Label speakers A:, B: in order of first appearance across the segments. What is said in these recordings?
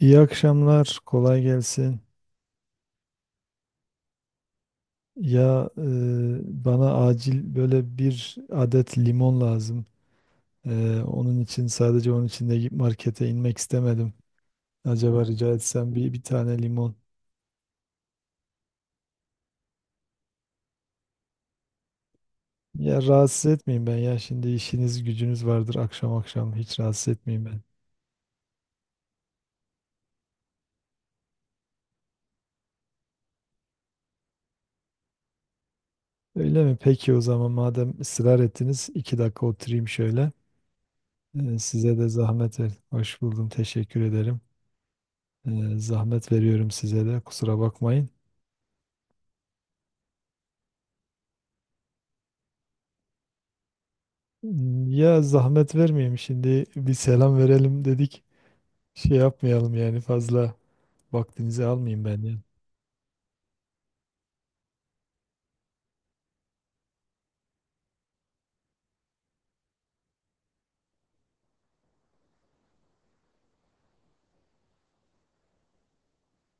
A: İyi akşamlar, kolay gelsin. Ya e, Bana acil böyle bir adet limon lazım. Onun için sadece onun için de gidip markete inmek istemedim. Acaba rica etsem bir tane limon. Ya rahatsız etmeyeyim ben ya, şimdi işiniz gücünüz vardır, akşam akşam hiç rahatsız etmeyeyim ben. Öyle mi? Peki o zaman, madem ısrar ettiniz, iki dakika oturayım şöyle. Size de zahmet ver. Hoş buldum, teşekkür ederim. Zahmet veriyorum size, de kusura bakmayın. Ya zahmet vermeyeyim, şimdi bir selam verelim dedik. Şey yapmayalım yani, fazla vaktinizi almayayım ben ya.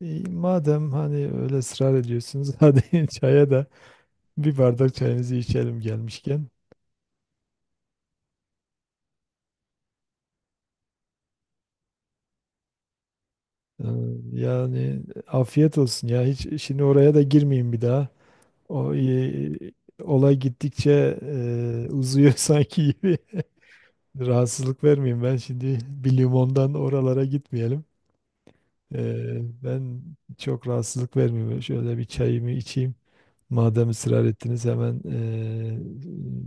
A: İyi, madem hani öyle ısrar ediyorsunuz hadi çaya da bir bardak çayınızı içelim gelmişken. Ee, Yani afiyet olsun ya, hiç şimdi oraya da girmeyeyim bir daha. O e, Olay gittikçe uzuyor sanki gibi. Rahatsızlık vermeyeyim ben, şimdi bir limondan oralara gitmeyelim. Ee, Ben çok rahatsızlık vermiyor. Şöyle bir çayımı içeyim. Madem ısrar ettiniz, hemen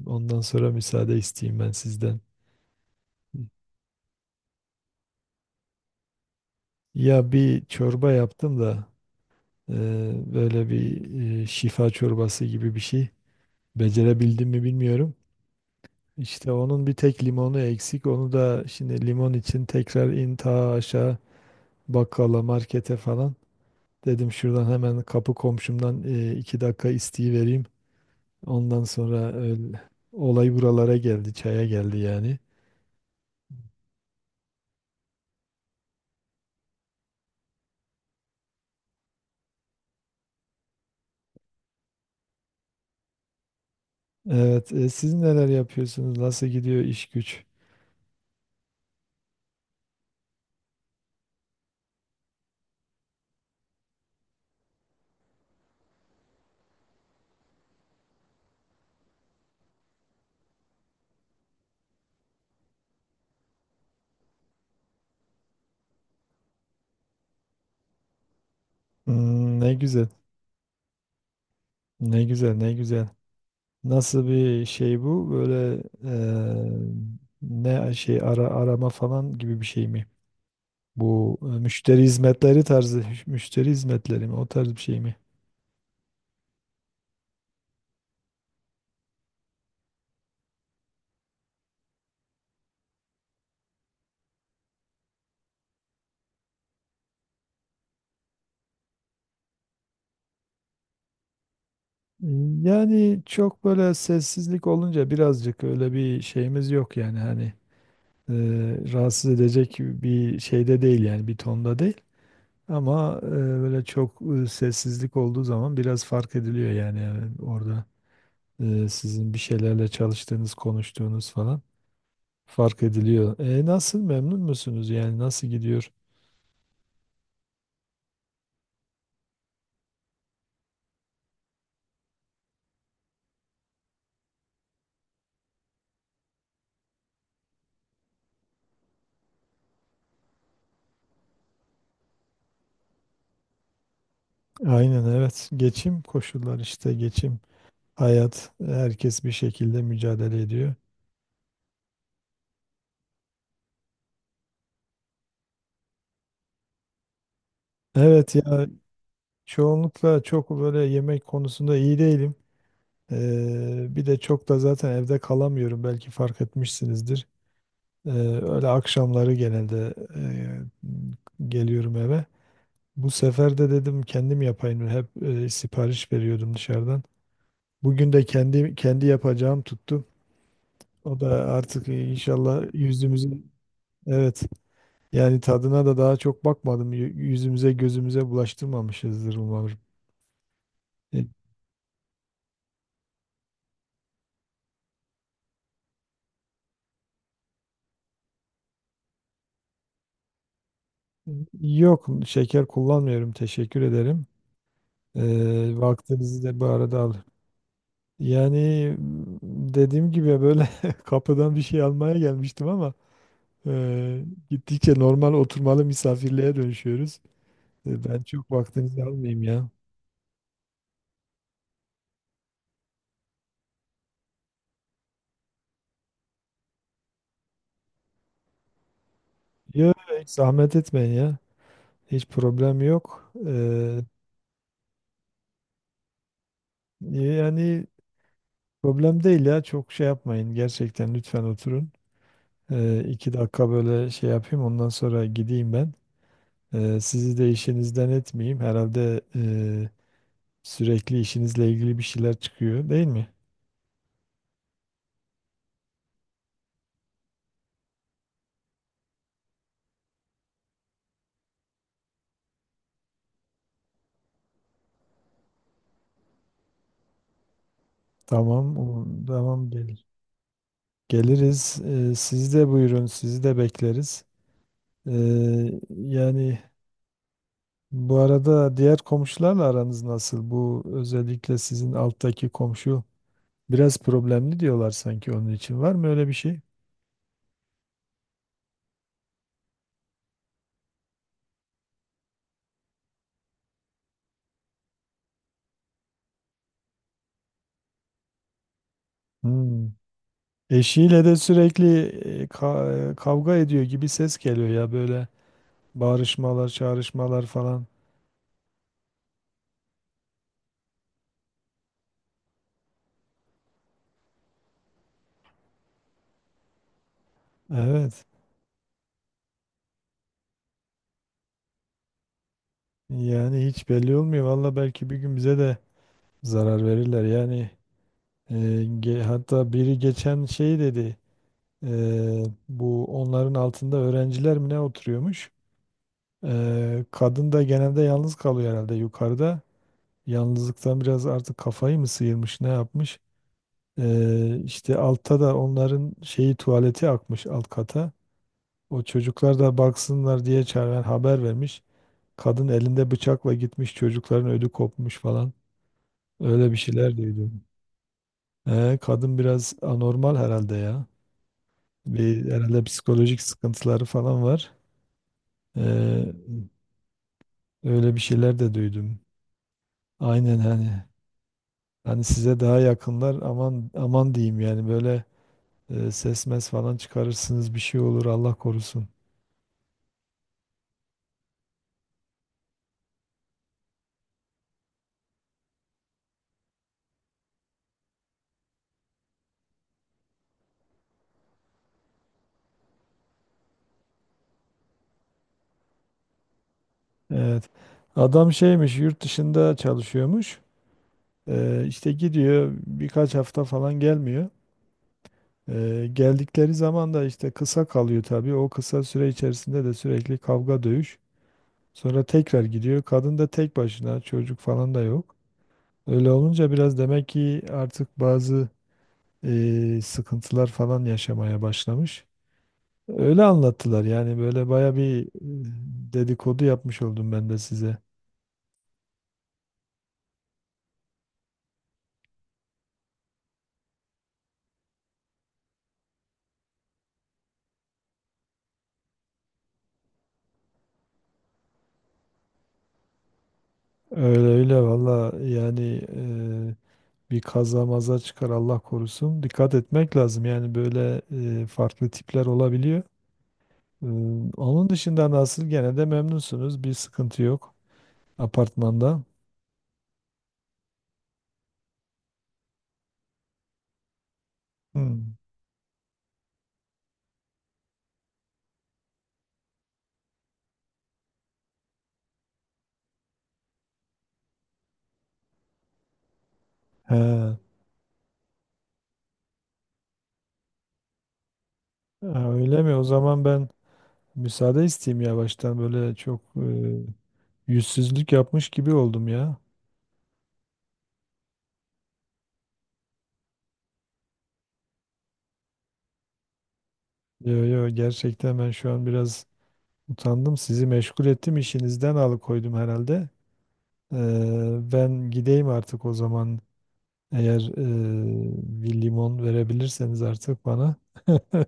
A: ondan sonra müsaade isteyeyim ben sizden. Ya bir çorba yaptım da böyle bir şifa çorbası gibi bir şey. Becerebildim mi bilmiyorum. İşte onun bir tek limonu eksik. Onu da şimdi limon için tekrar in ta aşağı bakkala markete falan. Dedim şuradan hemen kapı komşumdan iki dakika isteği vereyim. Ondan sonra öyle, olay buralara geldi, çaya geldi yani. Evet, siz neler yapıyorsunuz? Nasıl gidiyor iş güç? Hmm, ne güzel, ne güzel, ne güzel. Nasıl bir şey bu? Böyle ne şey, ara arama falan gibi bir şey mi? Bu müşteri hizmetleri tarzı, müşteri hizmetleri mi? O tarz bir şey mi? Yani çok böyle sessizlik olunca birazcık öyle bir şeyimiz yok yani, hani e, rahatsız edecek bir şeyde değil yani, bir tonda değil. Ama böyle çok sessizlik olduğu zaman biraz fark ediliyor yani, orada sizin bir şeylerle çalıştığınız, konuştuğunuz falan fark ediliyor. Nasıl, memnun musunuz yani, nasıl gidiyor? Aynen, evet, geçim, koşullar işte, geçim, hayat, herkes bir şekilde mücadele ediyor. Evet ya, çoğunlukla çok böyle yemek konusunda iyi değilim. Bir de çok da zaten evde kalamıyorum. Belki fark etmişsinizdir. Ee, Öyle akşamları genelde geliyorum eve. Bu sefer de dedim kendim yapayım. Hep sipariş veriyordum dışarıdan. Bugün de kendi yapacağım tuttu. O da artık inşallah yüzümüzün, evet yani tadına da daha çok bakmadım. Yüzümüze gözümüze bulaştırmamışızdır umarım. Yok, şeker kullanmıyorum. Teşekkür ederim. Vaktinizi de bu arada al. Yani m, dediğim gibi, böyle kapıdan bir şey almaya gelmiştim ama gittikçe normal oturmalı misafirliğe dönüşüyoruz. Ben çok vaktinizi almayayım ya. Yok, hiç zahmet etmeyin ya. Hiç problem yok. Yani problem değil ya. Çok şey yapmayın. Gerçekten lütfen oturun. İki dakika böyle şey yapayım. Ondan sonra gideyim ben. Sizi de işinizden etmeyeyim. Herhalde sürekli işinizle ilgili bir şeyler çıkıyor, değil mi? Tamam, tamam gelir. Geliriz. Siz de buyurun, sizi de bekleriz. Yani bu arada diğer komşularla aranız nasıl? Bu özellikle sizin alttaki komşu biraz problemli diyorlar sanki, onun için. Var mı öyle bir şey? Hmm. Eşiyle de sürekli kavga ediyor gibi ses geliyor ya, böyle bağırışmalar, çağrışmalar falan. Evet. Yani hiç belli olmuyor. Valla belki bir gün bize de zarar verirler. Yani, e, hatta biri geçen şey dedi. Bu, onların altında öğrenciler mi ne oturuyormuş? E, kadın da genelde yalnız kalıyor herhalde yukarıda. Yalnızlıktan biraz artık kafayı mı sıyırmış, ne yapmış? İşte altta da onların şeyi, tuvaleti akmış alt kata. O çocuklar da baksınlar diye çağıran haber vermiş. Kadın elinde bıçakla gitmiş, çocukların ödü kopmuş falan. Öyle bir şeyler duydum. Kadın biraz anormal herhalde ya. Bir, herhalde psikolojik sıkıntıları falan var. Ee, Öyle bir şeyler de duydum. Aynen, hani size daha yakınlar, aman aman diyeyim yani, böyle ses mes falan çıkarırsınız, bir şey olur Allah korusun. Evet. Adam şeymiş, yurt dışında çalışıyormuş. İşte gidiyor, birkaç hafta falan gelmiyor. Geldikleri zaman da işte kısa kalıyor tabii. O kısa süre içerisinde de sürekli kavga dövüş. Sonra tekrar gidiyor. Kadın da tek başına, çocuk falan da yok. Öyle olunca biraz demek ki artık bazı sıkıntılar falan yaşamaya başlamış. Öyle anlattılar, yani böyle baya bir dedikodu yapmış oldum ben de size. Öyle öyle valla, yani e, bir kaza maza çıkar Allah korusun. Dikkat etmek lazım yani, böyle farklı tipler olabiliyor. Ee, Onun dışında nasıl? Gene de memnunsunuz. Bir sıkıntı yok apartmanda. Hmm. He. Ha, öyle mi? O zaman ben müsaade isteyeyim yavaştan. Böyle çok yüzsüzlük yapmış gibi oldum ya. Yo yo, gerçekten ben şu an biraz utandım. Sizi meşgul ettim. İşinizden alıkoydum herhalde. Ben gideyim artık o zaman. Eğer bir limon verebilirseniz artık bana.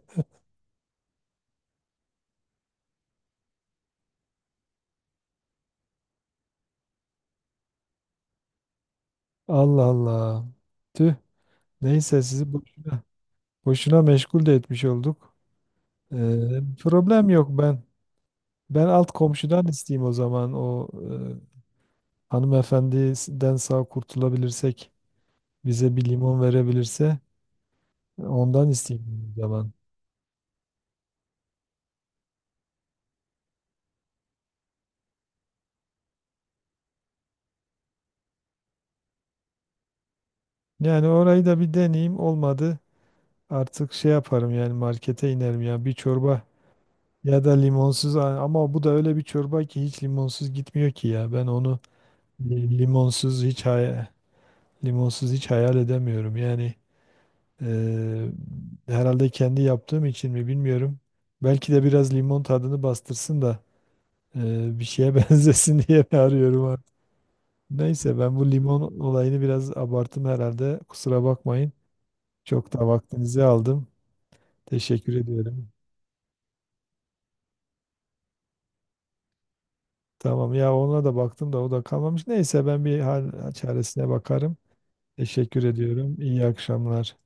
A: Allah Allah. Tüh. Neyse sizi boş Boşuna meşgul de etmiş olduk. Ee, Problem yok ben. Ben alt komşudan isteyeyim o zaman. O hanımefendiden sağ kurtulabilirsek, bize bir limon verebilirse ondan isteyeyim o zaman. Yani orayı da bir deneyeyim. Olmadı. Artık şey yaparım yani, markete inerim ya bir çorba ya da limonsuz, ama bu da öyle bir çorba ki hiç limonsuz gitmiyor ki ya. Ben onu limonsuz hiç limonsuz hiç hayal edemiyorum. Yani Eee, herhalde kendi yaptığım için mi, bilmiyorum. Belki de biraz limon tadını bastırsın da bir şeye benzesin diye mi arıyorum artık. Neyse, ben bu limon olayını biraz abarttım herhalde. Kusura bakmayın. Çok da vaktinizi aldım. Teşekkür ediyorum. Tamam ya, ona da baktım da o da kalmamış. Neyse, ben bir hal çaresine bakarım. Teşekkür ediyorum. İyi akşamlar.